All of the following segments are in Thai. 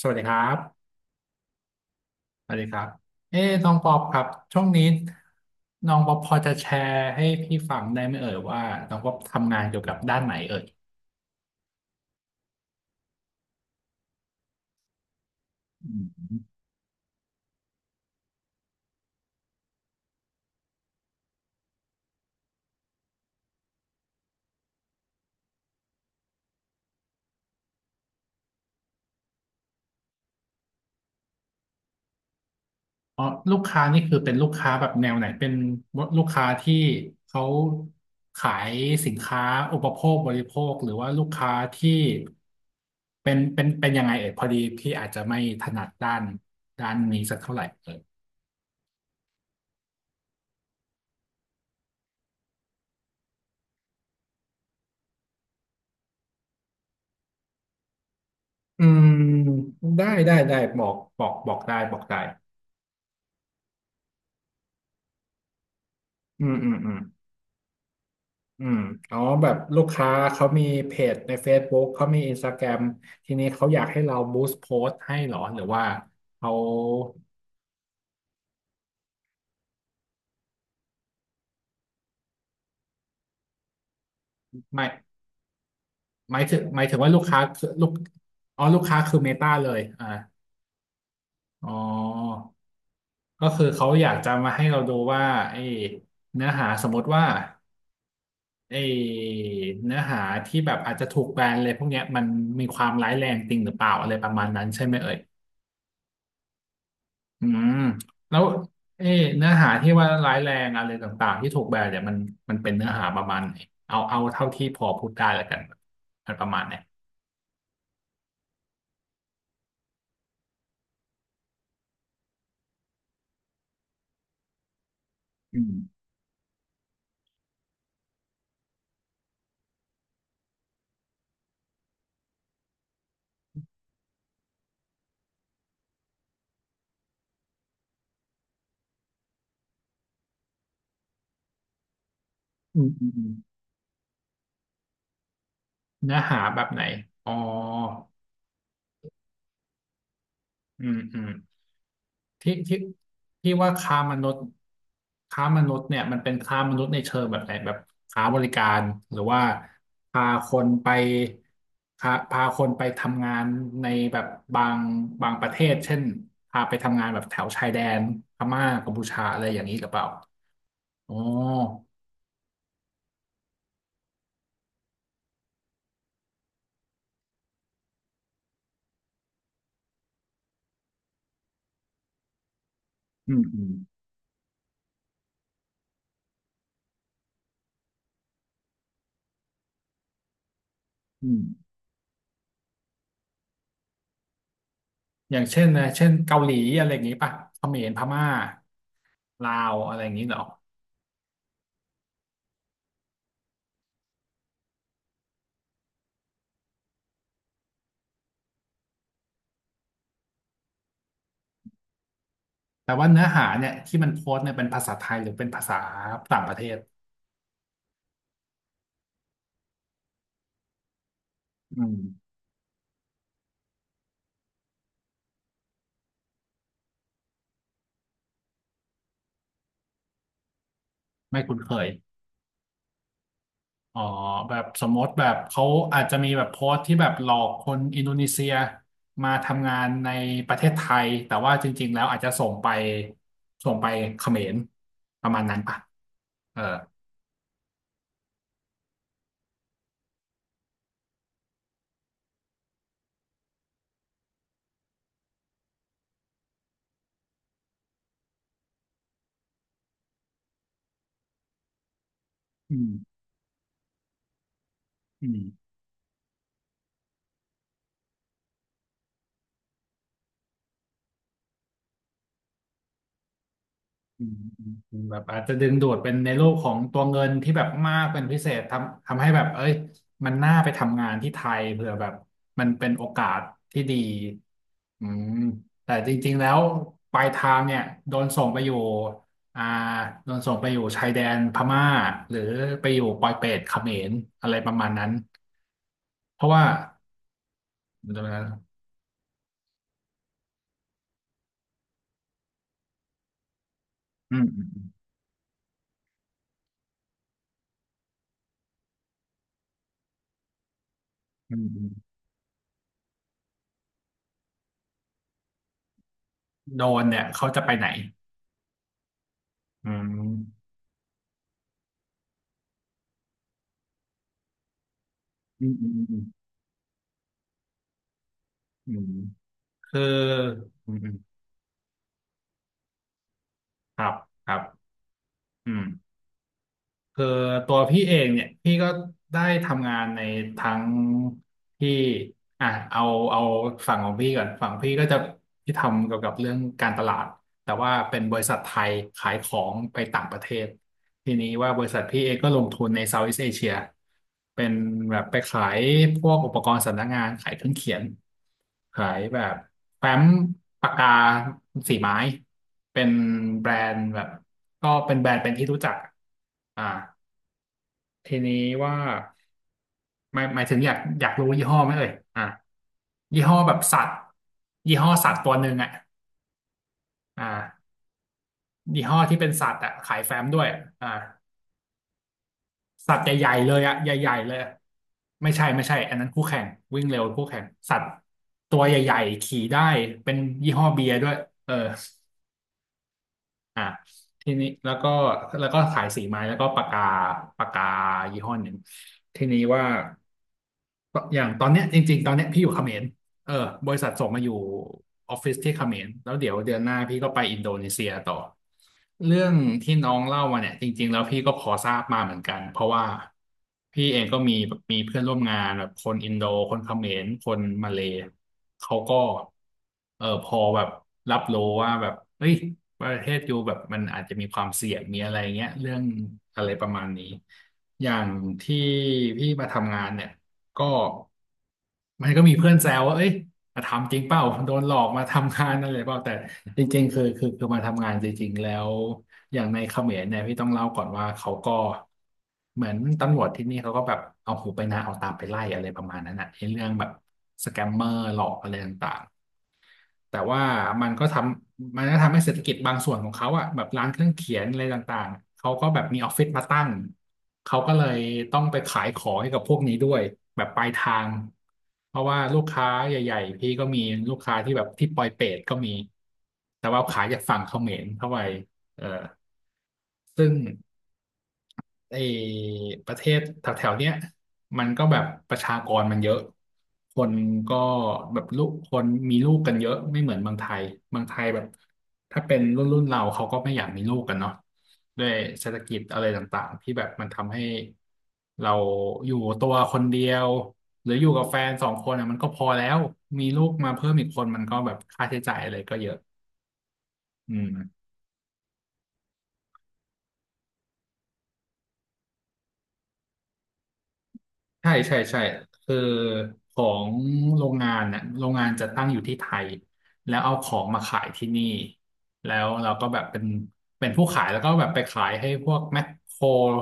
สวัสดีครับสวัสดีครับเอ้น้องปอบครับช่วงนี้น้องปอบพอจะแชร์ให้พี่ฟังได้ไหมเอ่ยว่าน้องปอบทำงานเกี่ยวกับด้านไหนเอ่ยอืมอ๋อลูกค้านี่คือเป็นลูกค้าแบบแนวไหนเป็นลูกค้าที่เขาขายสินค้าอุปโภคบริโภคหรือว่าลูกค้าที่เป็นยังไงเอ่ยพอดีพี่อาจจะไม่ถนัดด้านนี้สักเท่าไหร่เอ่ยอืมได้ได้ได้บอกบอกบอกได้บอกได้ อืมอืมอืมอืมอ๋อแบบลูกค้าเขามีเพจใน Facebook เขามี Instagram ทีนี้เขาอยากให้เราบูสต์โพสต์ให้เหรอหรือว่าเขาไม่หมายถึงหมายถึงว่าลูกค้าคือลูกอ๋อลูกค้าคือเมตาเลยอ่าอ๋อก็คือเขาอยากจะมาให้เราดูว่าไอ้เนื้อหาสมมติว่าไอ้เนื้อหาที่แบบอาจจะถูกแบนเลยพวกเนี้ยมันมีความร้ายแรงจริงหรือเปล่าอะไรประมาณนั้นใช่ไหมเอ่ย อืมแล้วเอ๊ะเนื้อหาที่ว่าร้ายแรงอะไรต่างๆที่ถูกแบนเนี่ยมันเป็นเนื้อหาประมาณไหนเอาเอาเท่าที่พอพูดได้แล้วกันมันประมาณไหนอืมอืมอืมอืมเนื้อหาแบบไหนอ๋ออืมอืม ที่ที่ว่าค้ามนุษย์ค้ามนุษย์เนี่ยมันเป็นค้ามนุษย์ในเชิงแบบไหนแบบค้าบริการหรือว่าพาคนไปพาคนไปทำงานในแบบบางบางประเทศเช่นพาไปทำงานแบบแถวชายแดนพม่ากัมพูชาอะไรอย่างนี้หรือเปล่าอ๋ออืมอืมอืมอย่างเช่นนะเช่นเกาหลีอะไรอย่างนี้ป่ะเขมรพม่าลาวอะไรอย่างนี้เหรอ แต่ว่าเนื้อหาเนี่ยที่มันโพสต์เนี่ยเป็นภาษาไทยหรือเป็นภาษาต่างประเทศอืมไม่คุ้นเคยอ๋อแบบสมมติแบบเขาอาจจะมีแบบโพสต์ที่แบบหลอกคนอินโดนีเซียมาทำงานในประเทศไทยแต่ว่าจริงๆแล้วอาจจะส่งไปส่งไปเขมรประมาณนั้นป่ะเอออืมอืม อืมอืมอืมแบบอาจจะดึงดูดเป็นในโลกของตัวเงินที่แบบมากเป็นพิเศษทำให้แบบเอ้ยมันน่าไปทำงานที่ไทยเผื่อแบบมันเป็นโอกาสที่ดีอืมแต่จริงๆแล้วปลายทางเนี่ยโดนส่งไปอยู่อ่าโดนส่งไปอยู่ชายแดนพม่าหรือไปอยู่ปอยเปตเขมรอะไรประมาณนั้นเพราะว่าเดี๋ยวนะอืมอืมอืมอืมโดนเนี่ยเขาจะไปไหนอืมอืมอืมอืมอืม คืออืมอืมครับ ครับอืม คือตัวพี่เองเนี่ยพี่ก็ได้ทำงานในทั้งที่อ่ะเอาเอาฝั่งของพี่ก่อนฝั่งพี่ก็จะพี่ทำเกี่ยวกับเรื่องการตลาดแต่ว่าเป็นบริษัทไทยขายของไปต่างประเทศทีนี้ว่าบริษัทพี่เองก็ลงทุนในเซาท์อีสต์เอเชียเป็นแบบไปขายพวกอุปกรณ์สำนักงานขายเครื่องเขียนขายแบบแฟ้มปากกาสีไม้เป็นแบรนด์แบบก็เป็นแบรนด์เป็นที่รู้จักอ่า ทีนี้ว่าหมายหมายถึงอยากรู้ยี่ห้อไหมเอ่ยอ่ะยี่ห้อแบบสัตว์ยี่ห้อสัตว์ตัวหนึ่งอ่ะอ่ายี่ห้อที่เป็นสัตว์อ่ะขายแฟ้มด้วยอ่าสัตว์ใหญ่ๆเลยอ่ะใหญ่ๆเลยไม่ใช่อันนั้นคู่แข่งวิ่งเร็วคู่แข่งสัตว์ตัวใหญ่ๆขี่ได้เป็นยี่ห้อเบียร์ด้วยเออ อ่ะทีนี้แล้วก็แล้วก็ขายสีไม้แล้วก็ปากกาปากกายี่ห้อหนึ่งทีนี้ว่าอย่างตอนเนี้ยจริงๆตอนเนี้ยพี่อยู่เขมร เออบริษัทส่งมาอยู่ออฟฟิศที่เขมรแล้วเดี๋ยวเดือนหน้าพี่ก็ไปอินโดนีเซียต่อเรื่องที่น้องเล่ามาเนี่ยจริงๆแล้วพี่ก็พอทราบมาเหมือนกันเพราะว่าพี่เองก็มีแบบมีเพื่อนร่วมงานแบบคนอินโดคนเขมรคนมาเลย์เขาก็เออพอแบบรับรู้ว่าแบบเฮ้ยประเทศอยู่แบบมันอาจจะมีความเสี่ยงมีอะไรเงี้ยเรื่องอะไรประมาณนี้อย่างที่พี่มาทำงานเนี่ยก็ มันก็มีเพื่อนแซวว่าเอ้ยมาทำจริงเปล่าโดนหลอกมาทำงานอะไรเปล่าแต่จริงๆคือมาทำงานจริงๆ แล้ว อย่างในเขมรเนี่ยพี่ต้องเล่าก่อนว่าเขาก็เหมือนตำรวจที่นี่เขาก็แบบเอาหูไปนาเอาตามไปไล่อะไรประมาณนั้นอ่ะในเรื่องแบบสแกมเมอร์หลอกอะไรต่าง แต่ว่ามันก็ทมันก็ทำให้เศรษฐกิจบางส่วนของเขาอะแบบร้านเครื่องเขียนอะไรต่างๆเขาก็แบบมีออฟฟิศมาตั้งเขาก็เลยต้องไปขายของให้กับพวกนี้ด้วยแบบปลายทางเพราะว่าลูกค้าใหญ่ๆพี่ก็มีลูกค้าที่แบบที่ปอยเปตก็มีแต่ว่าขายจากฝั่งเขมรเข้าไปเออซึ่ง ไอ้ประเทศแถวๆเนี้ยมันก็แบบประชากรมันเยอะคนก็แบบลูกคนมีลูกกันเยอะไม่เหมือนเมืองไทยเมืองไทยแบบถ้าเป็นรุ่นเราเขาก็ไม่อยากมีลูกกันเนาะด้วยเศรษฐกิจอะไรต่างๆที่แบบมันทำให้เราอยู่ตัวคนเดียวหรืออยู่กับแฟนสองคนอ่ะมันก็พอแล้วมีลูกมาเพิ่มอีกคนมันก็แบบค่าใช้จ่ายอะไรก็เยอะอืม ใช่ใช่ใช่คือของโรงงานน่ะโรงงานจะตั้งอยู่ที่ไทยแล้วเอาของมาขายที่นี่แล้วเราก็แบบเป็นผู้ขายแล้วก็แบบไปขายให้พวกแมคโคร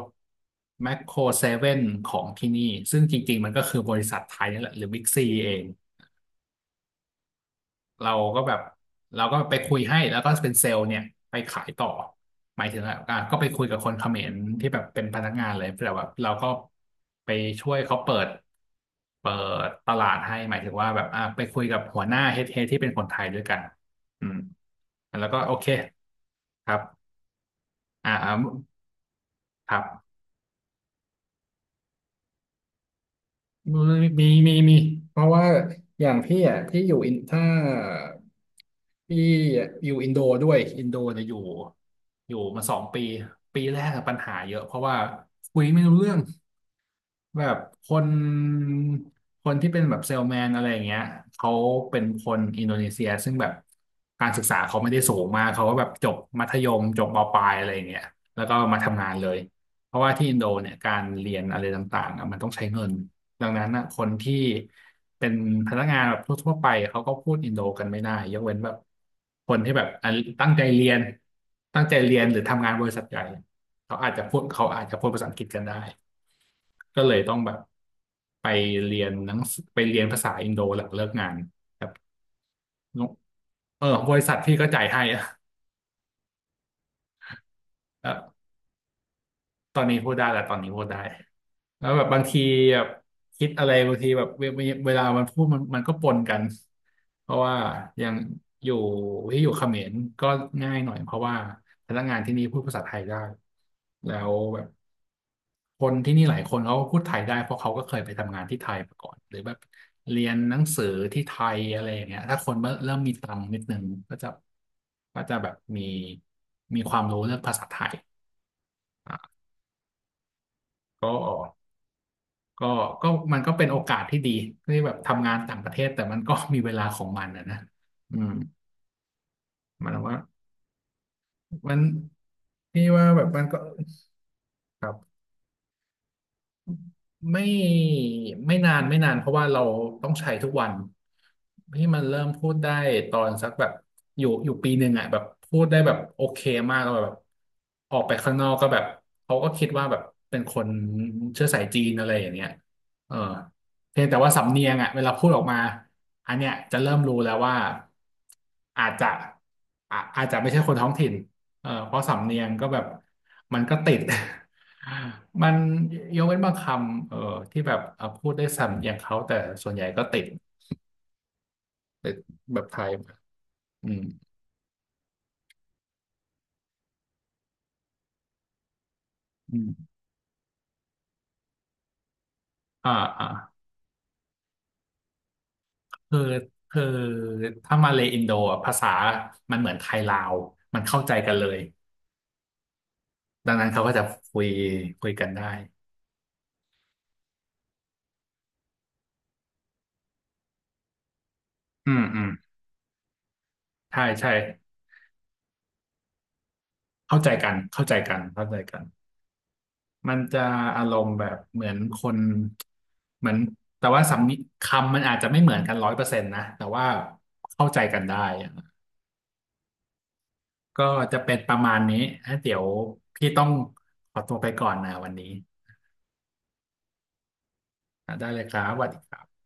แมคโครเซเว่นของที่นี่ซึ่งจริงๆมันก็คือบริษัทไทยนี่แหละหรือบิ๊กซีเอง เราก็แบบเราก็ไปคุยให้แล้วก็เป็นเซลล์เนี่ยไปขายต่อหมายถึงว่าอ่ะก็ไปคุยกับคนเขมรที่แบบเป็นพนักงานเลยแต่แบบเราก็ไปช่วยเขาเปิดตลาดให้หมายถึงว่าแบบอ่ะไปคุยกับหัวหน้าเฮดที่เป็นคนไทยด้วยกันอืมแล้วก็โอเคครับอ่าครับ มีมีเพราะว่าอย่างพี่อ่ะพี่อยู่อินถ้าพี่อยู่อินโดด้วยอินโดเนี่ยอยู่มา2 ปีปีแรกอะปัญหาเยอะเพราะว่าคุยไม่รู้เรื่อง แบบคนคนที่เป็นแบบเซลแมนอะไรอย่างเงี้ยเขาเป็นคนอินโดนีเซียซึ่งแบบการศึกษาเขาไม่ได้สูงมากเขาก็แบบจบมัธยมจบมปลายอะไรอย่างเงี้ยแล้วก็มาทำงานเลยเพราะว่าที่อินโดเนี่ยการเรียนอะไรต่างๆอะมันต้องใช้เงินดังนั้นนะคนที่เป็นพนักงานแบบทั่วๆไปเขาก็พูดอินโดกันไม่ได้ยกเว้นแบบคนที่แบบอ่ะตั้งใจเรียนตั้งใจเรียนหรือทำงานบริษัทใหญ่เขาอาจจะพูดเขาอาจจะพูดภาษาอังกฤษกันได้ ก็เลยต้องแบบไปเรียนหนังสือไปเรียนภาษาอินโดหลังเลิกงานครับเออบริษัทพี่ก็จ่ายให้อะเออตอนนี้พูดได้แหละตอนนี้พูดได้แล้วแบบบางทีแบบคิดอะไรบางทีแบบเวลามันพูดมันก็ปนกันเพราะว่าอย่างอยู่ที่เขมรก็ง่ายหน่อยเพราะว่าพนักงานที่นี่พูดภาษาไทยได้แล้วแบบ คนที่นี่หลายคนเขาก็พูดไทยได้เพราะเขาก็เคยไปทำงานที่ไทยมาก่อนหรือแบบเรียนหนังสือที่ไทยอะไรอย่างเงี้ยถ้าคนเริ่มมีตังค์นิดนึงก็จะก็จะแบบมีความรู้เรื่องภาษาไทยอ่ะก็ก็ก็มันก็เป็นโอกาสที่ดีที่แบบทำงานต่างประเทศแต่มันก็มีเวลาของมันอะนะอืมมันว่ามันนี่ว่าแบบมันก็ครับ ไม่ไม่นานเพราะว่าเราต้องใช้ทุกวันที่มันเริ่มพูดได้ตอนสักแบบอยู่ปีหนึ่งอ่ะแบบพูดได้แบบโอเคมากแล้วแบบออกไปข้างนอกก็แบบเขาก็คิดว่าแบบเป็นคนเชื้อสายจีนอะไรอย่างเงี้ยเออเพียงแต่ว่าสำเนียงอ่ะเวลาพูดออกมาอันเนี้ยจะเริ่มรู้แล้วว่าอาจจะอาจจะไม่ใช่คนท้องถิ่นเออเพราะสำเนียงก็แบบมันก็ติด มันยกเว้นบางคำเออที่แบบเพูดได้สำเนียงเขาแต่ส่วนใหญ่ก็ติดแบบไทยอืมอืมอ่าอ่าคือคือถ้ามาเลอินโดอะภาษามันเหมือนไทยลาวมันเข้าใจกันเลยดังนั้นเขาก็จะคุยคุยกันได้อืมอืมใช่ใช่เข้าใจกันเข้าใจกันเข้าใจกันมันจะอารมณ์แบบเหมือนคนเหมือนแต่ว่าสำนีคำมันอาจจะไม่เหมือนกัน100%นะแต่ว่าเข้าใจกันได้ ก็จะเป็นประมาณนี้ฮะเดี๋ยวพี่ต้องขอตัวไปก่อนนะวันนี้อ่ะได้เลยครับสวัสดีครับ